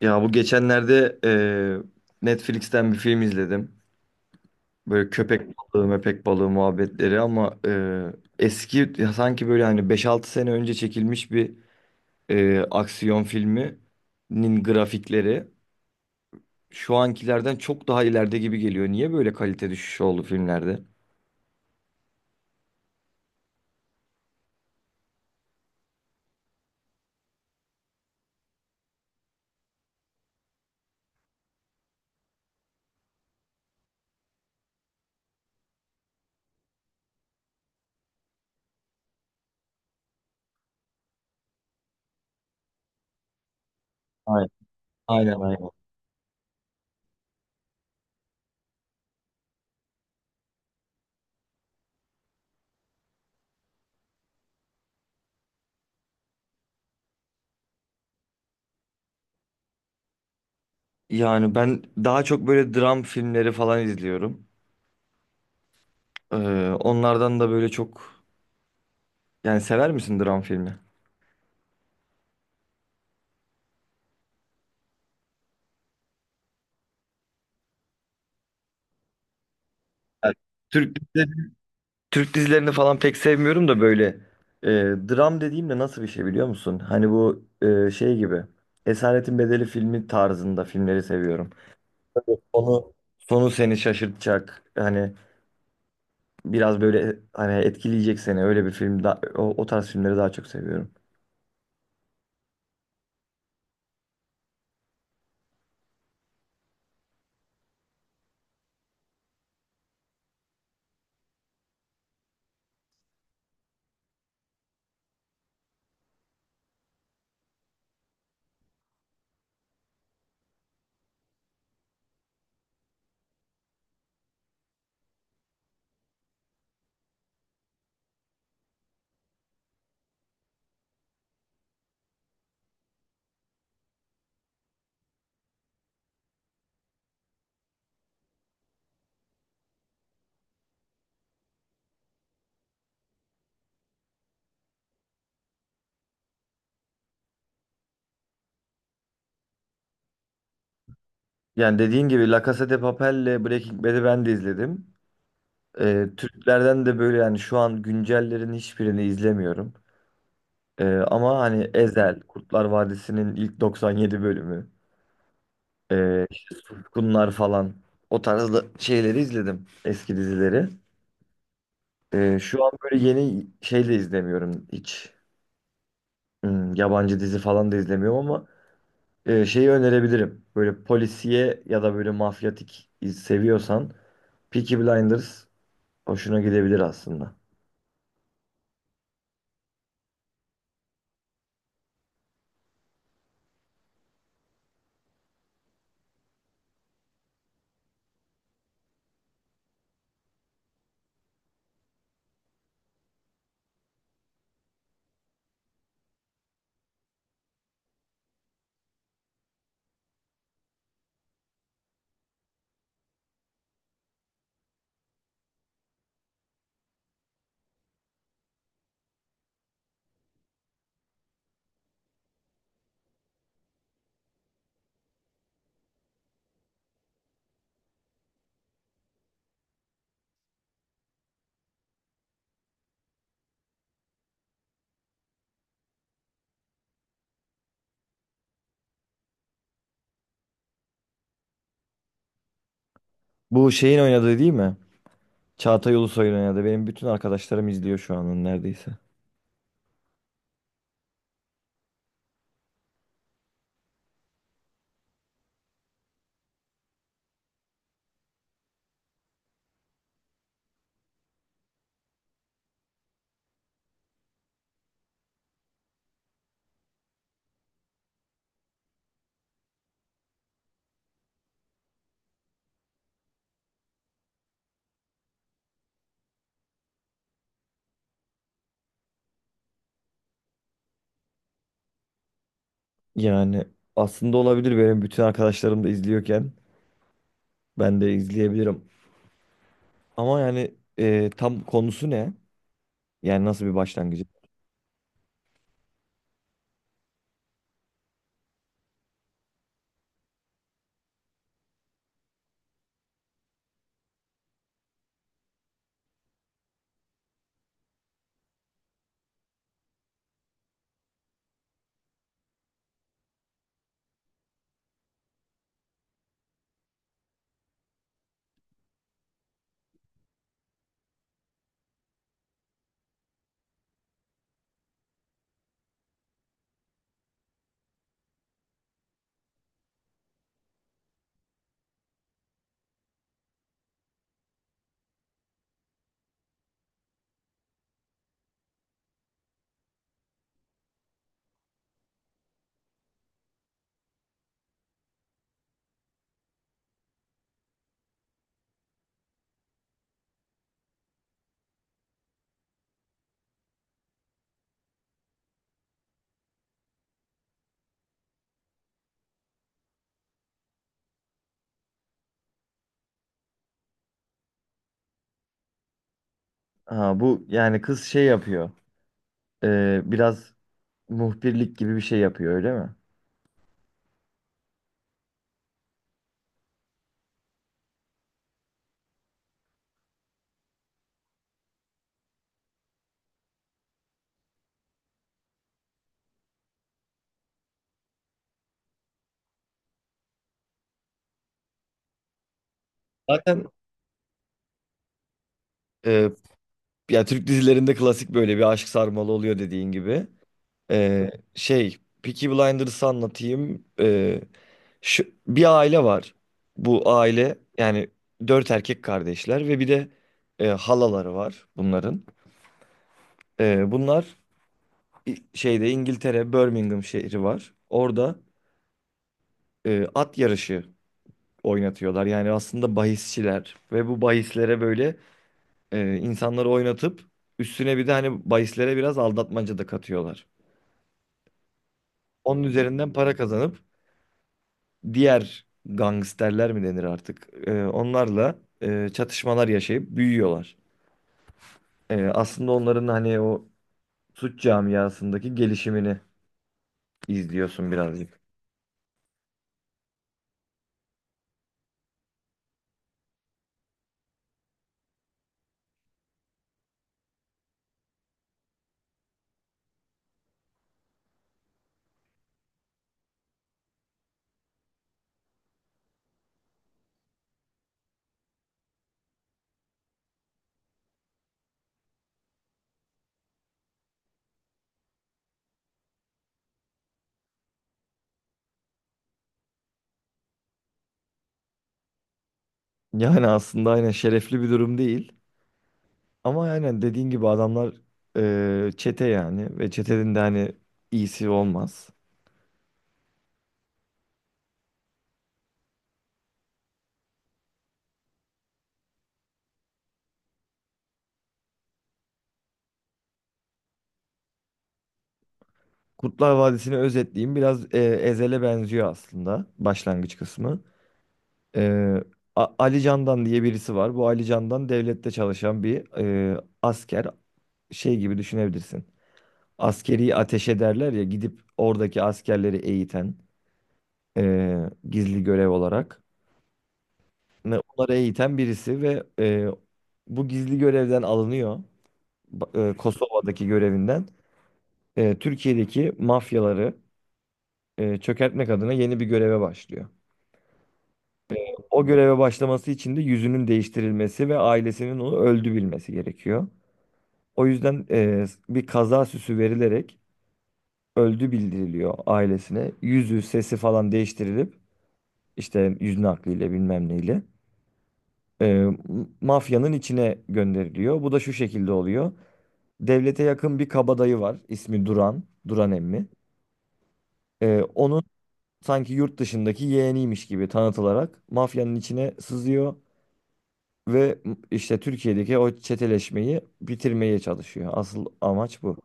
Ya bu geçenlerde Netflix'ten bir film izledim. Böyle köpek balığı, mepek balığı muhabbetleri ama eski, ya sanki böyle hani beş altı sene önce çekilmiş bir aksiyon filminin grafikleri şu ankilerden çok daha ileride gibi geliyor. Niye böyle kalite düşüşü oldu filmlerde? Aynen, aynen. Aynen. Yani ben daha çok böyle dram filmleri falan izliyorum. E, Onlardan da böyle çok, yani sever misin dram filmi? Evet. Türk Türk dizilerini falan pek sevmiyorum da böyle, e, dram dediğimde nasıl bir şey biliyor musun? Hani bu şey gibi, Esaretin Bedeli filmi tarzında filmleri seviyorum. Onu, sonu seni şaşırtacak, hani biraz böyle hani etkileyecek seni, öyle bir film da, o tarz filmleri daha çok seviyorum. Yani dediğin gibi La Casa de Papel'le Breaking Bad'i ben de izledim. E, Türklerden de böyle yani şu an güncellerin hiçbirini izlemiyorum. E, ama hani Ezel, Kurtlar Vadisi'nin ilk 97 bölümü. İşte Suskunlar falan, o tarzda şeyleri izledim, eski dizileri. Şu an böyle yeni şey de izlemiyorum hiç. Hmm, yabancı dizi falan da izlemiyorum ama şeyi önerebilirim. Böyle polisiye ya da böyle mafyatik seviyorsan, Peaky Blinders hoşuna gidebilir aslında. Bu şeyin oynadığı değil mi? Çağatay Ulusoy'un oynadığı. Benim bütün arkadaşlarım izliyor şu an neredeyse. Yani aslında olabilir, benim bütün arkadaşlarım da izliyorken ben de izleyebilirim. Ama yani tam konusu ne? Yani nasıl bir başlangıcı? Ha, bu yani kız şey yapıyor. Biraz muhbirlik gibi bir şey yapıyor, öyle mi? Zaten e, ya, Türk dizilerinde klasik böyle bir aşk sarmalı oluyor dediğin gibi. Şey, Peaky Blinders'ı anlatayım. Şu, bir aile var. Bu aile yani dört erkek kardeşler ve bir de halaları var bunların. Bunlar şeyde, İngiltere Birmingham şehri var. Orada at yarışı oynatıyorlar. Yani aslında bahisçiler ve bu bahislere böyle insanları oynatıp üstüne bir de hani bahislere biraz aldatmaca da katıyorlar. Onun üzerinden para kazanıp, diğer gangsterler mi denir artık, onlarla çatışmalar yaşayıp büyüyorlar. E, aslında onların hani o suç camiasındaki gelişimini izliyorsun birazcık. Yani aslında aynen şerefli bir durum değil. Ama aynen dediğin gibi adamlar çete, yani ve çetenin de hani iyisi olmaz. Kurtlar Vadisi'ni özetleyeyim. Biraz Ezel'e benziyor aslında başlangıç kısmı. Eee, Ali Candan diye birisi var. Bu Ali Candan devlette çalışan bir asker. Şey gibi düşünebilirsin. Askeri ateş ederler ya, gidip oradaki askerleri eğiten, gizli görev olarak. Onları eğiten birisi ve bu gizli görevden alınıyor. Kosova'daki görevinden Türkiye'deki mafyaları çökertmek adına yeni bir göreve başlıyor. O göreve başlaması için de yüzünün değiştirilmesi ve ailesinin onu öldü bilmesi gerekiyor. O yüzden bir kaza süsü verilerek öldü bildiriliyor ailesine. Yüzü, sesi falan değiştirilip, işte yüz nakliyle bilmem neyle e, mafyanın içine gönderiliyor. Bu da şu şekilde oluyor. Devlete yakın bir kabadayı var. İsmi Duran, Duran emmi. Onun sanki yurt dışındaki yeğeniymiş gibi tanıtılarak mafyanın içine sızıyor ve işte Türkiye'deki o çeteleşmeyi bitirmeye çalışıyor. Asıl amaç bu.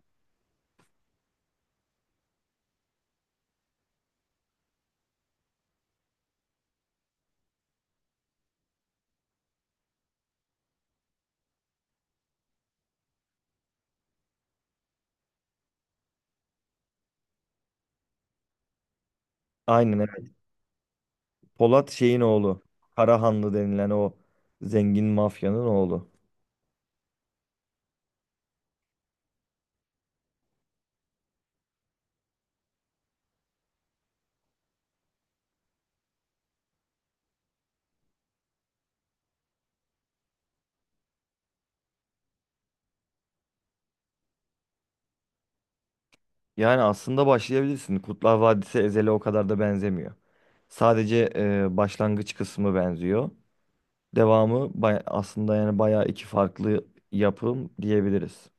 Aynen evet. Polat şeyin oğlu. Karahanlı denilen o zengin mafyanın oğlu. Yani aslında başlayabilirsin. Kurtlar Vadisi Ezel'e o kadar da benzemiyor. Sadece başlangıç kısmı benziyor. Devamı aslında yani bayağı iki farklı yapım diyebiliriz.